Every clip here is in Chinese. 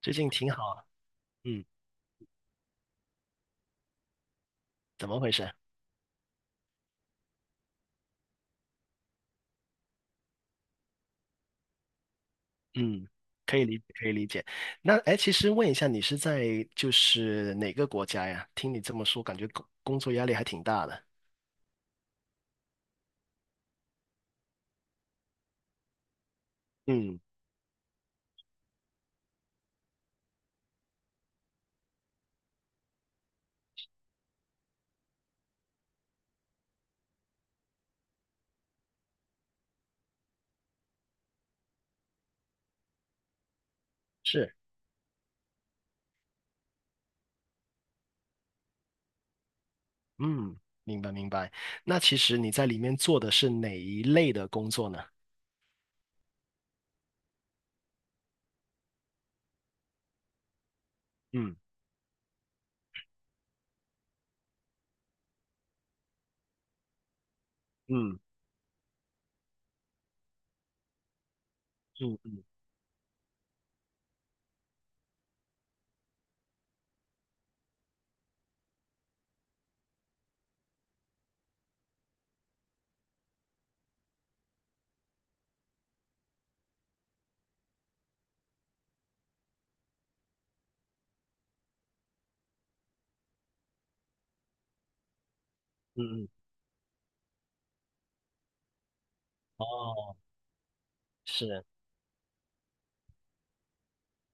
最近挺好啊。嗯，怎么回事？嗯，可以理解可以理解。那哎，其实问一下，你是在就是哪个国家呀？听你这么说，感觉工作压力还挺大的。嗯，是，嗯，明白明白。那其实你在里面做的是哪一类的工作呢？嗯嗯嗯嗯嗯嗯，哦，是，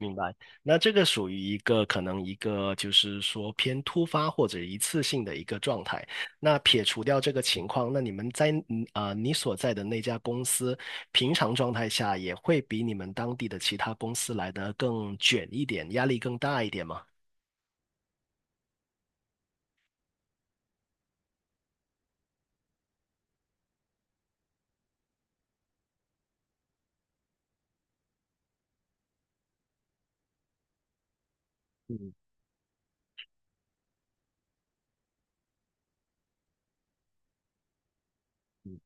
明白，那这个属于一个可能一个就是说偏突发或者一次性的一个状态。那撇除掉这个情况，那你们在你所在的那家公司，平常状态下也会比你们当地的其他公司来的更卷一点，压力更大一点吗？嗯嗯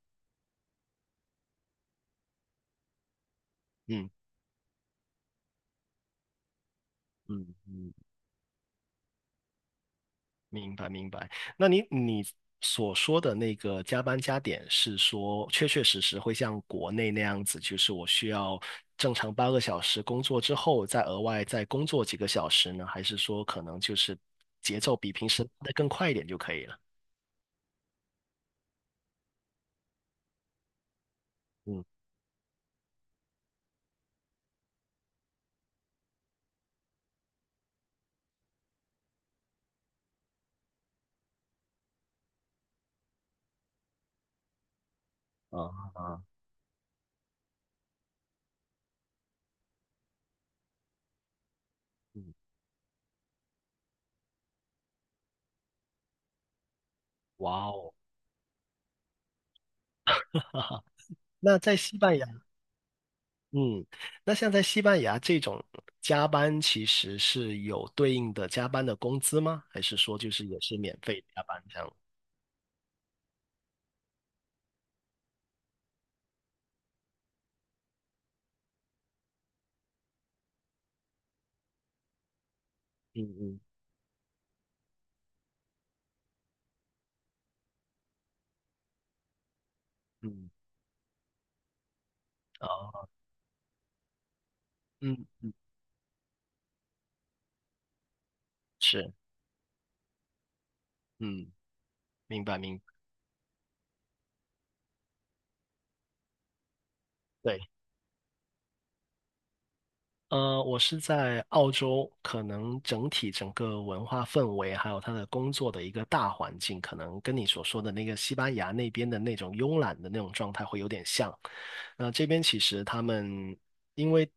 嗯嗯嗯。明白明白。那你所说的那个加班加点，是说确确实实会像国内那样子，就是我需要正常八个小时工作之后，再额外再工作几个小时呢？还是说可能就是节奏比平时的更快一点就可以了？嗯啊啊，嗯，哇哦。那在西班牙，嗯，那像在西班牙这种加班，其实是有对应的加班的工资吗？还是说就是也是免费加班这样？嗯嗯嗯，哦，嗯嗯，是，嗯，明白明白。对，我是在澳洲，可能整体整个文化氛围，还有他的工作的一个大环境，可能跟你所说的那个西班牙那边的那种慵懒的那种状态会有点像。那这边其实他们因为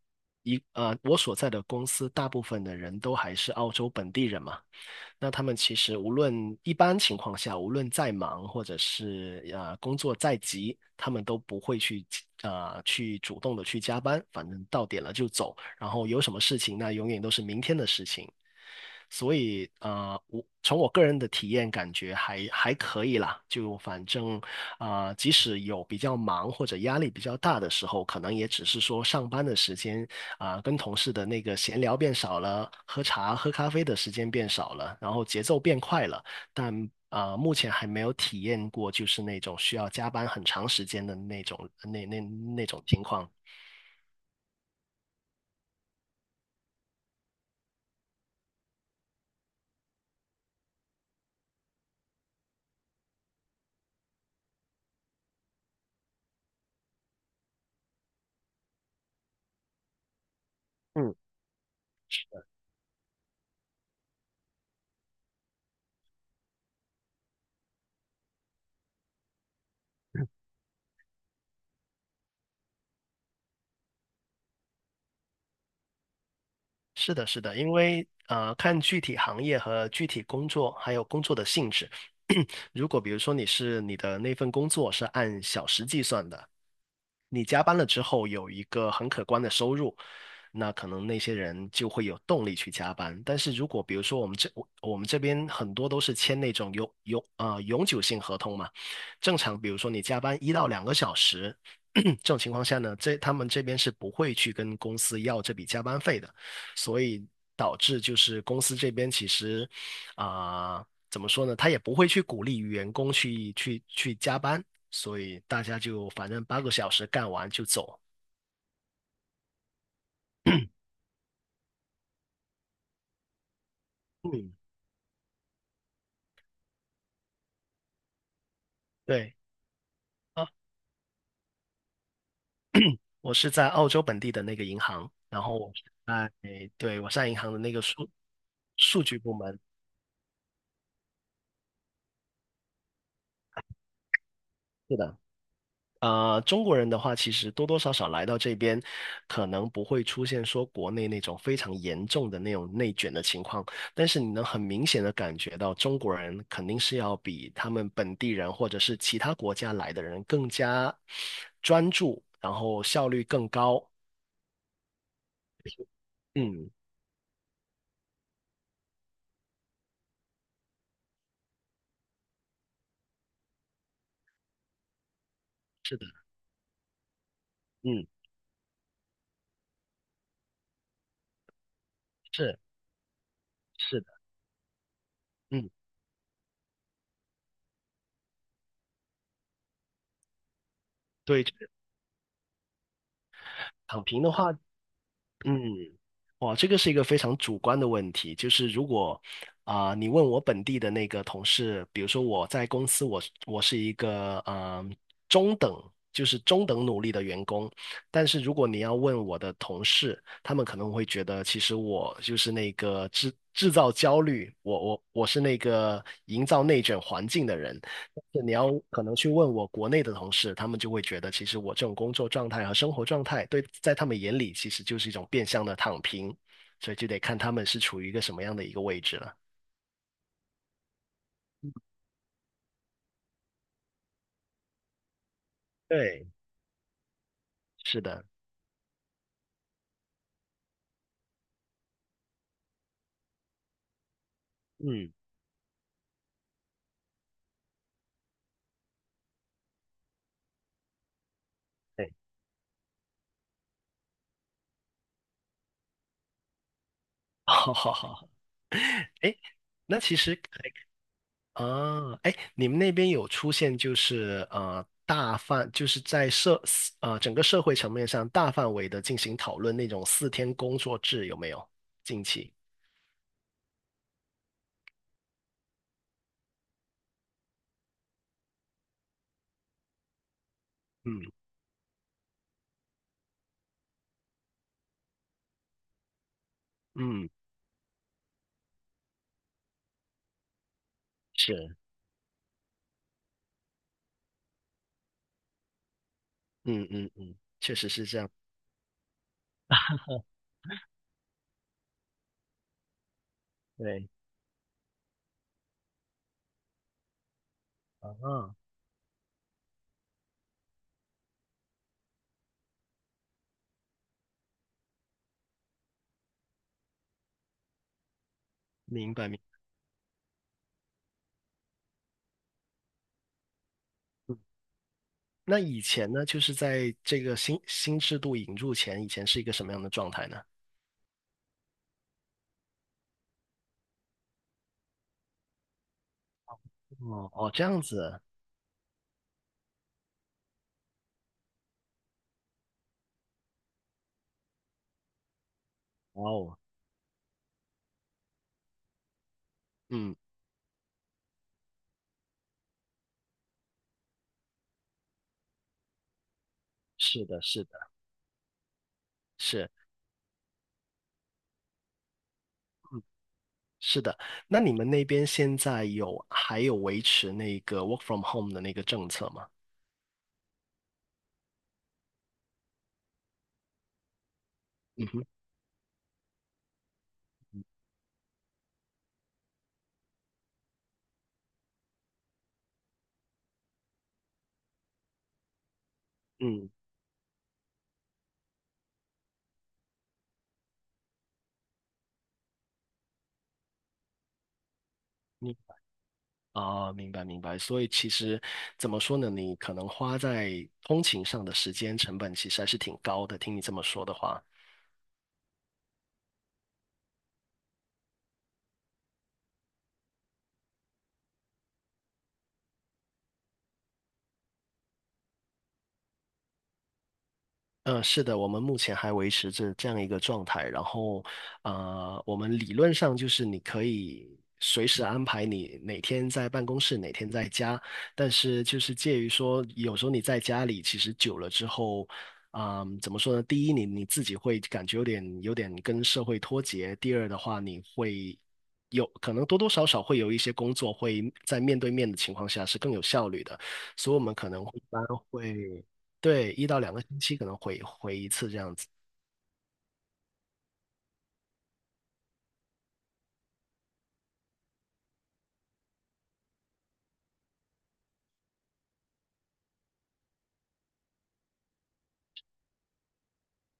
一呃，我所在的公司大部分的人都还是澳洲本地人嘛。那他们其实无论一般情况下，无论再忙或者是工作再急，他们都不会去主动的去加班，反正到点了就走，然后有什么事情那永远都是明天的事情。所以我从我个人的体验感觉还可以啦，就反正即使有比较忙或者压力比较大的时候，可能也只是说上班的时间跟同事的那个闲聊变少了，喝茶、喝咖啡的时间变少了，然后节奏变快了，但目前还没有体验过就是那种需要加班很长时间的那种情况。嗯，是的，是的，因为看具体行业和具体工作，还有工作的性质。如果比如说你的那份工作是按小时计算的，你加班了之后有一个很可观的收入，那可能那些人就会有动力去加班。但是如果比如说我们这边很多都是签那种永久性合同嘛，正常比如说你加班1到2个小时，这种情况下呢，他们这边是不会去跟公司要这笔加班费的，所以导致就是公司这边其实啊。怎么说呢？他也不会去鼓励员工去加班，所以大家就反正八个小时干完就走。嗯，对啊，我是在澳洲本地的那个银行，然后我是在，对，我在银行的那个数据部门。是的。中国人的话，其实多多少少来到这边，可能不会出现说国内那种非常严重的那种内卷的情况，但是你能很明显的感觉到，中国人肯定是要比他们本地人或者是其他国家来的人更加专注，然后效率更高，嗯，是的，嗯，是是的，嗯，对，这个躺平的话，嗯，哇，这个是一个非常主观的问题，就是如果你问我本地的那个同事，比如说我在公司我是一个中等，就是中等努力的员工，但是如果你要问我的同事，他们可能会觉得，其实我就是那个制造焦虑，我是那个营造内卷环境的人。是你要可能去问我国内的同事，他们就会觉得，其实我这种工作状态和生活状态，对，在他们眼里其实就是一种变相的躺平，所以就得看他们是处于一个什么样的一个位置了。对，是的，嗯，对，好好好，哎，那其实啊，哎，你们那边有出现就是大范，就是在社整个社会层面上大范围的进行讨论那种4天工作制有没有？近期，嗯嗯。是。嗯嗯嗯，确实是这样。对，啊，明白明白。嗯那以前呢，就是在这个新制度引入前，以前是一个什么样的状态呢？哦哦，这样子，哇哦，嗯，是的，是的，是，嗯，是的。那你们那边现在还有维持那个 work from home 的那个政策吗？嗯哼，嗯，你明白明白。所以其实怎么说呢，你可能花在通勤上的时间成本其实还是挺高的。听你这么说的话。嗯，是的，我们目前还维持着这样一个状态。然后，我们理论上就是你可以随时安排你哪天在办公室，哪天在家。但是就是介于说，有时候你在家里其实久了之后，嗯，怎么说呢？第一，你自己会感觉有点跟社会脱节；第二的话，你会有可能多多少少会有一些工作会在面对面的情况下是更有效率的，所以我们可能一般会。对，1到2个星期可能回一次这样子。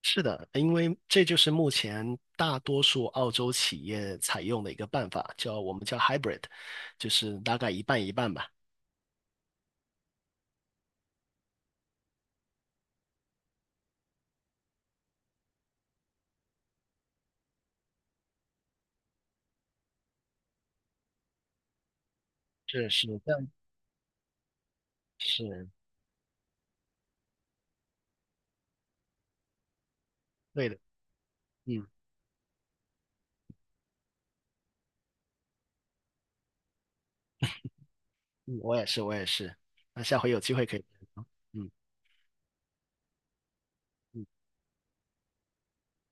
是的，因为这就是目前大多数澳洲企业采用的一个办法，我们叫 hybrid，就是大概一半一半吧。是是，这样是对的。嗯嗯，我也是，我也是。那下回有机会可以。嗯嗯，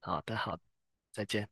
好的好的，再见。